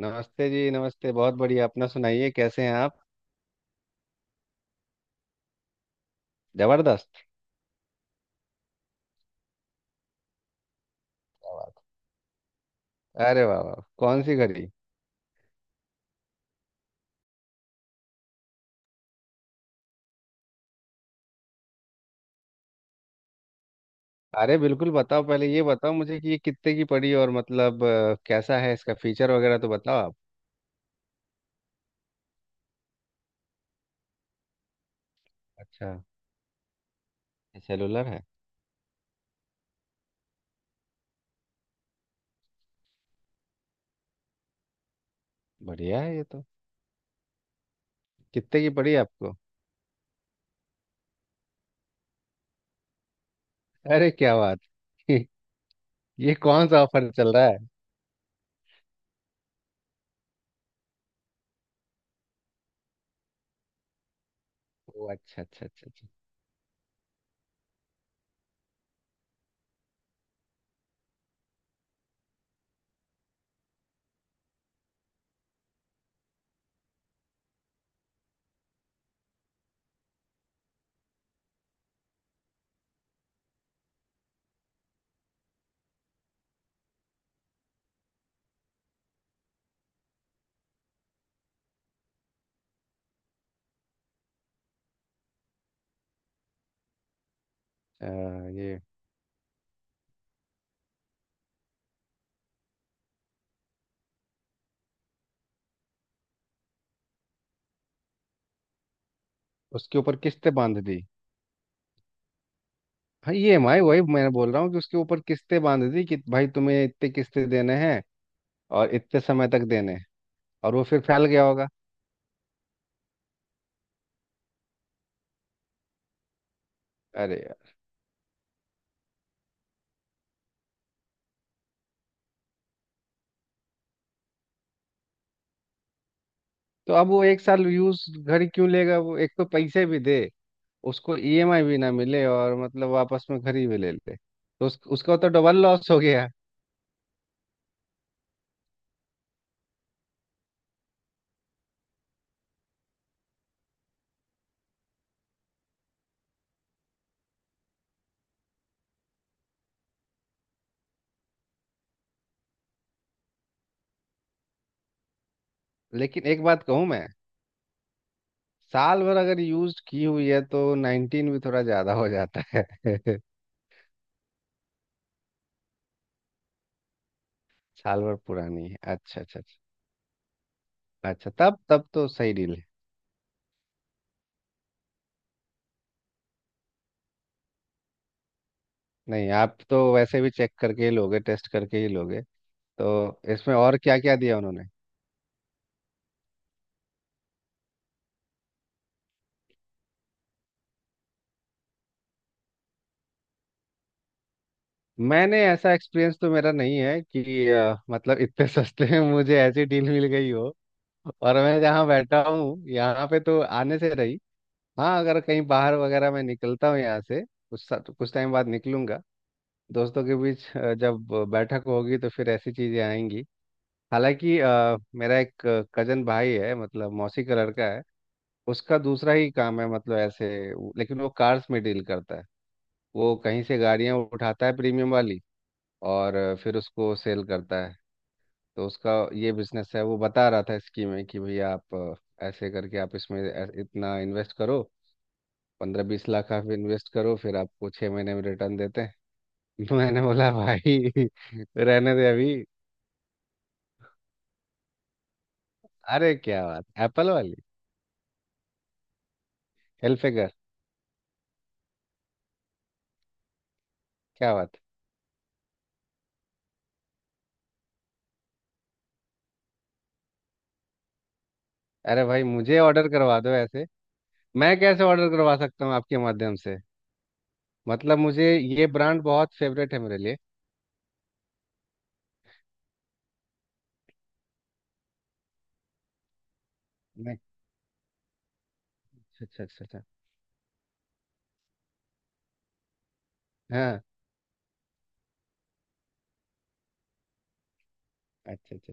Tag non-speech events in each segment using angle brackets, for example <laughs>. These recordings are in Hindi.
नमस्ते जी। नमस्ते। बहुत बढ़िया। अपना सुनाइए, कैसे हैं आप? जबरदस्त। क्या बात है। अरे, वाह वाह, कौन सी घड़ी? अरे, बिल्कुल बताओ। पहले ये बताओ मुझे कि ये कितने की पड़ी, और मतलब कैसा है इसका फीचर वगैरह तो बताओ आप। अच्छा। ये सेलुलर है? बढ़िया है ये तो। कितने की पड़ी आपको? अरे क्या बात। <laughs> ये कौन सा ऑफर चल रहा है? ओ अच्छा अच्छा अच्छा अच्छा। अ, ये उसके ऊपर किस्तें बांध दी। हाँ, ये एम आई वही मैं बोल रहा हूँ कि उसके ऊपर किस्तें बांध दी कि भाई तुम्हें इतने किस्तें देने हैं, और इतने समय तक देने। और वो फिर फैल गया होगा। अरे यार। तो अब वो एक साल यूज घर ही क्यों लेगा? वो एक तो पैसे भी दे, उसको ईएमआई भी ना मिले, और मतलब वापस में घर ही भी ले ले, तो उसका तो डबल लॉस हो गया। लेकिन एक बात कहूँ मैं, साल भर अगर यूज की हुई है तो 19 भी थोड़ा ज्यादा हो जाता है। <laughs> साल भर पुरानी है, अच्छा अच्छा अच्छा। अच्छा तब तब तो सही डील है। नहीं, आप तो वैसे भी चेक करके ही लोगे, टेस्ट करके ही लोगे। तो इसमें और क्या क्या दिया उन्होंने? मैंने ऐसा एक्सपीरियंस तो मेरा नहीं है कि मतलब इतने <laughs> सस्ते में मुझे ऐसी डील मिल गई हो। और मैं जहाँ बैठा हूँ यहाँ पे तो आने से रही। हाँ, अगर कहीं बाहर वगैरह मैं निकलता हूँ यहाँ से, कुछ कुछ टाइम बाद निकलूंगा। दोस्तों के बीच जब बैठक होगी, तो फिर ऐसी चीज़ें आएंगी। हालांकि मेरा एक कजन भाई है, मतलब मौसी का लड़का है। उसका दूसरा ही काम है, मतलब ऐसे लेकिन वो कार्स में डील करता है। वो कहीं से गाड़ियाँ उठाता है प्रीमियम वाली, और फिर उसको सेल करता है। तो उसका ये बिजनेस है। वो बता रहा था स्कीम में कि भैया आप ऐसे करके आप इसमें इतना इन्वेस्ट करो, 15-20 लाख आप इन्वेस्ट करो, फिर आपको 6 महीने में रिटर्न देते हैं। <laughs> तो मैंने बोला भाई रहने दे अभी। अरे क्या बात, एप्पल वाली? हेल्फेगर। क्या बात। अरे भाई मुझे ऑर्डर करवा दो ऐसे। मैं कैसे ऑर्डर करवा सकता हूँ आपके माध्यम से? मतलब मुझे ये ब्रांड बहुत फेवरेट है मेरे लिए। नहीं, अच्छा अच्छा अच्छा अच्छा। हाँ, अच्छा अच्छा।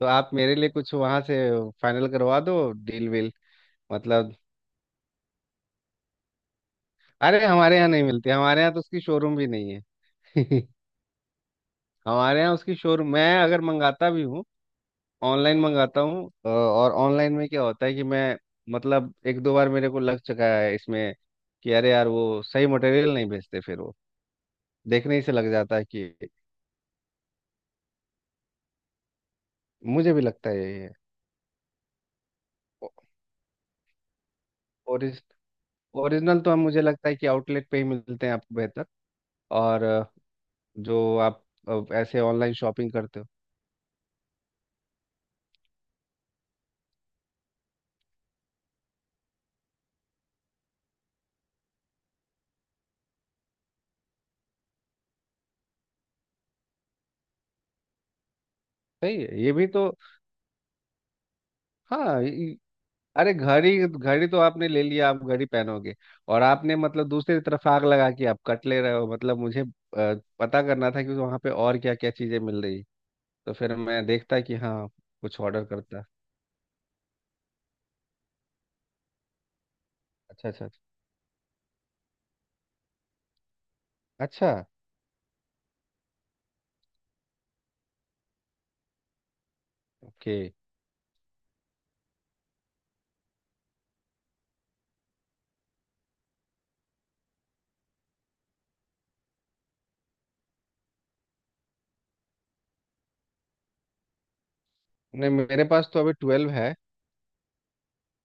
तो आप मेरे लिए कुछ वहां से फाइनल करवा दो, डील वील। मतलब, अरे हमारे यहाँ नहीं मिलती। हमारे यहाँ तो उसकी शोरूम भी नहीं है। <laughs> हमारे यहाँ उसकी शोरूम, मैं अगर मंगाता भी हूँ, ऑनलाइन मंगाता हूँ, और ऑनलाइन में क्या होता है कि मैं, मतलब एक दो बार मेरे को लग चुका है इसमें कि अरे यार वो सही मटेरियल नहीं भेजते, फिर वो देखने ही से लग जाता है कि, मुझे भी लगता है यही है। ओरिज ओरिजिनल तो हम मुझे लगता है कि आउटलेट पे ही मिलते हैं आपको बेहतर। और जो आप ऐसे ऑनलाइन शॉपिंग करते हो, सही है ये भी तो। हाँ अरे घड़ी घड़ी तो आपने ले लिया, आप घड़ी पहनोगे, और आपने मतलब दूसरी तरफ आग लगा के आप कट ले रहे हो। मतलब मुझे पता करना था कि वहाँ पे और क्या क्या चीज़ें मिल रही, तो फिर मैं देखता कि हाँ, कुछ ऑर्डर करता। अच्छा अच्छा अच्छा। ओके। नहीं, मेरे पास तो अभी 12 है।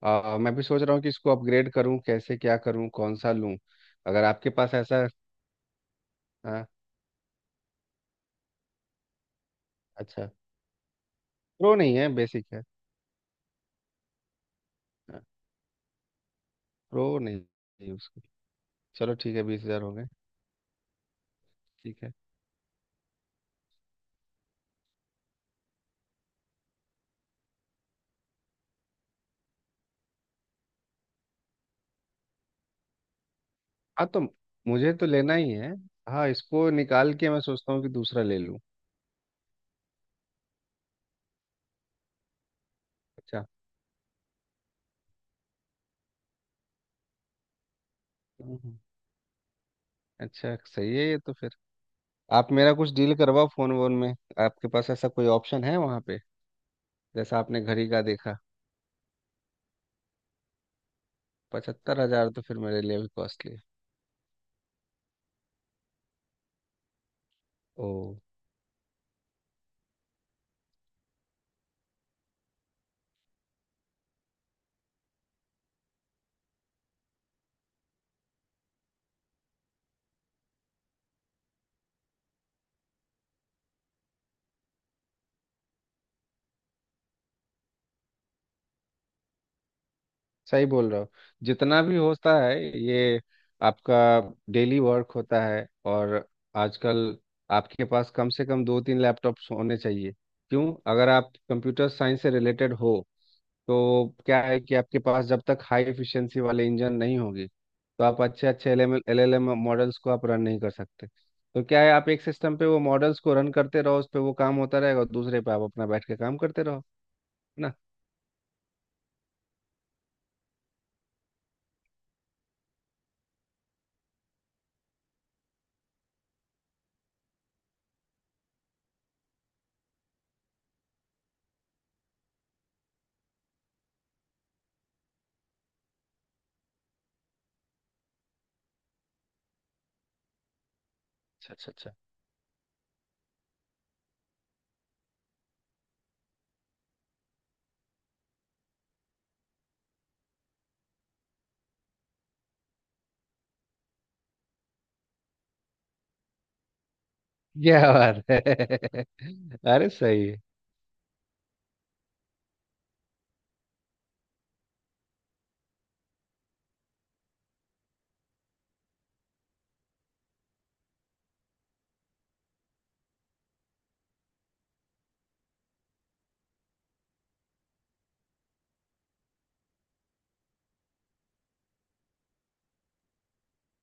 मैं भी सोच रहा हूँ कि इसको अपग्रेड करूँ, कैसे क्या करूँ, कौन सा लूँ, अगर आपके पास ऐसा। हाँ। अच्छा। प्रो नहीं है, बेसिक है। हाँ, प्रो नहीं है उसके। चलो ठीक है, 20 हज़ार हो गए। ठीक है। हाँ, तो मुझे तो लेना ही है। हाँ, इसको निकाल के मैं सोचता हूँ कि दूसरा ले लूँ। अच्छा। हम्म। हम्म। अच्छा, सही है ये तो फिर। आप मेरा कुछ डील करवाओ फोन वोन में। आपके पास ऐसा कोई ऑप्शन है वहाँ पे जैसा आपने घड़ी का देखा? 75 हजार तो फिर मेरे लिए भी कॉस्टली है। ओ, सही बोल रहे हो। जितना भी होता है ये आपका डेली वर्क होता है। और आजकल आपके पास कम से कम दो तीन लैपटॉप्स होने चाहिए। क्यों? अगर आप कंप्यूटर साइंस से रिलेटेड हो, तो क्या है कि आपके पास जब तक हाई एफिशिएंसी वाले इंजन नहीं होगी, तो आप अच्छे अच्छे LLM मॉडल्स को आप रन नहीं कर सकते। तो क्या है, आप एक सिस्टम पे वो मॉडल्स को रन करते रहो, उस पे वो काम होता रहेगा, और दूसरे पे आप अपना बैठ के काम करते रहो, है ना? अच्छा अच्छा अच्छा। क्या बात है। <laughs> अरे सही है।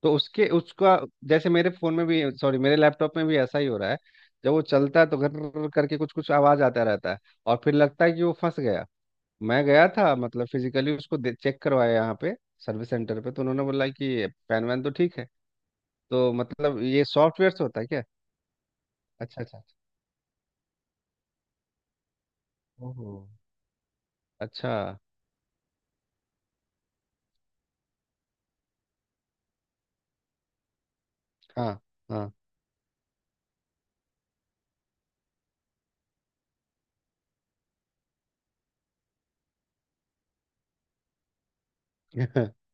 तो उसके उसका, जैसे मेरे फोन में भी, सॉरी मेरे लैपटॉप में भी ऐसा ही हो रहा है। जब वो चलता है तो घर करके कुछ कुछ आवाज आता रहता है, और फिर लगता है कि वो फंस गया। मैं गया था, मतलब फिजिकली उसको चेक करवाया यहाँ पे, सर्विस सेंटर पे, तो उन्होंने बोला कि फैन वैन तो ठीक है। तो मतलब ये सॉफ्टवेयर से होता है क्या? अच्छा अच्छा अच्छा। ओहो। अच्छा। हाँ हाँ। <laughs>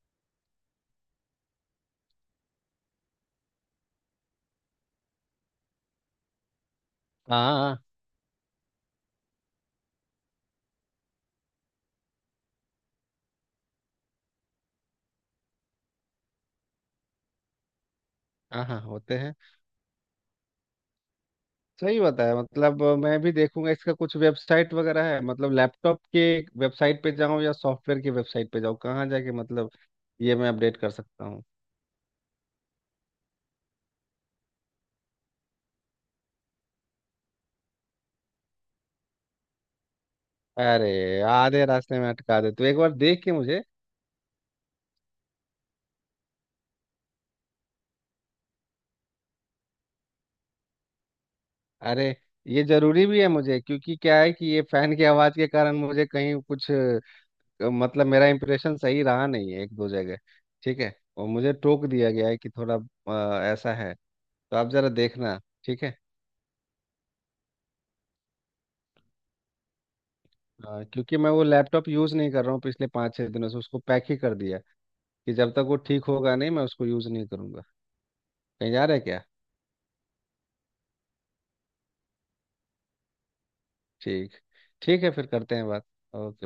हाँ हाँ हाँ, होते हैं। सही बताया। मतलब मैं भी देखूंगा, इसका कुछ वेबसाइट वगैरह है मतलब लैपटॉप के? वेबसाइट पे जाऊँ या सॉफ्टवेयर की वेबसाइट पे जाऊँ, कहाँ जाके मतलब ये मैं अपडेट कर सकता हूँ? अरे आधे रास्ते में अटका दे तो एक बार देख के मुझे। अरे ये जरूरी भी है मुझे, क्योंकि क्या है कि ये फैन की आवाज के कारण मुझे कहीं कुछ मतलब मेरा इंप्रेशन सही रहा नहीं है एक दो जगह। ठीक है, और मुझे टोक दिया गया है कि थोड़ा ऐसा है। तो आप जरा देखना। ठीक है। क्योंकि मैं वो लैपटॉप यूज नहीं कर रहा हूँ पिछले 5-6 दिनों से, उसको पैक ही कर दिया कि जब तक वो ठीक होगा नहीं मैं उसको यूज नहीं करूंगा। कहीं जा रहे क्या? ठीक। ठीक है, फिर करते हैं बात। ओके।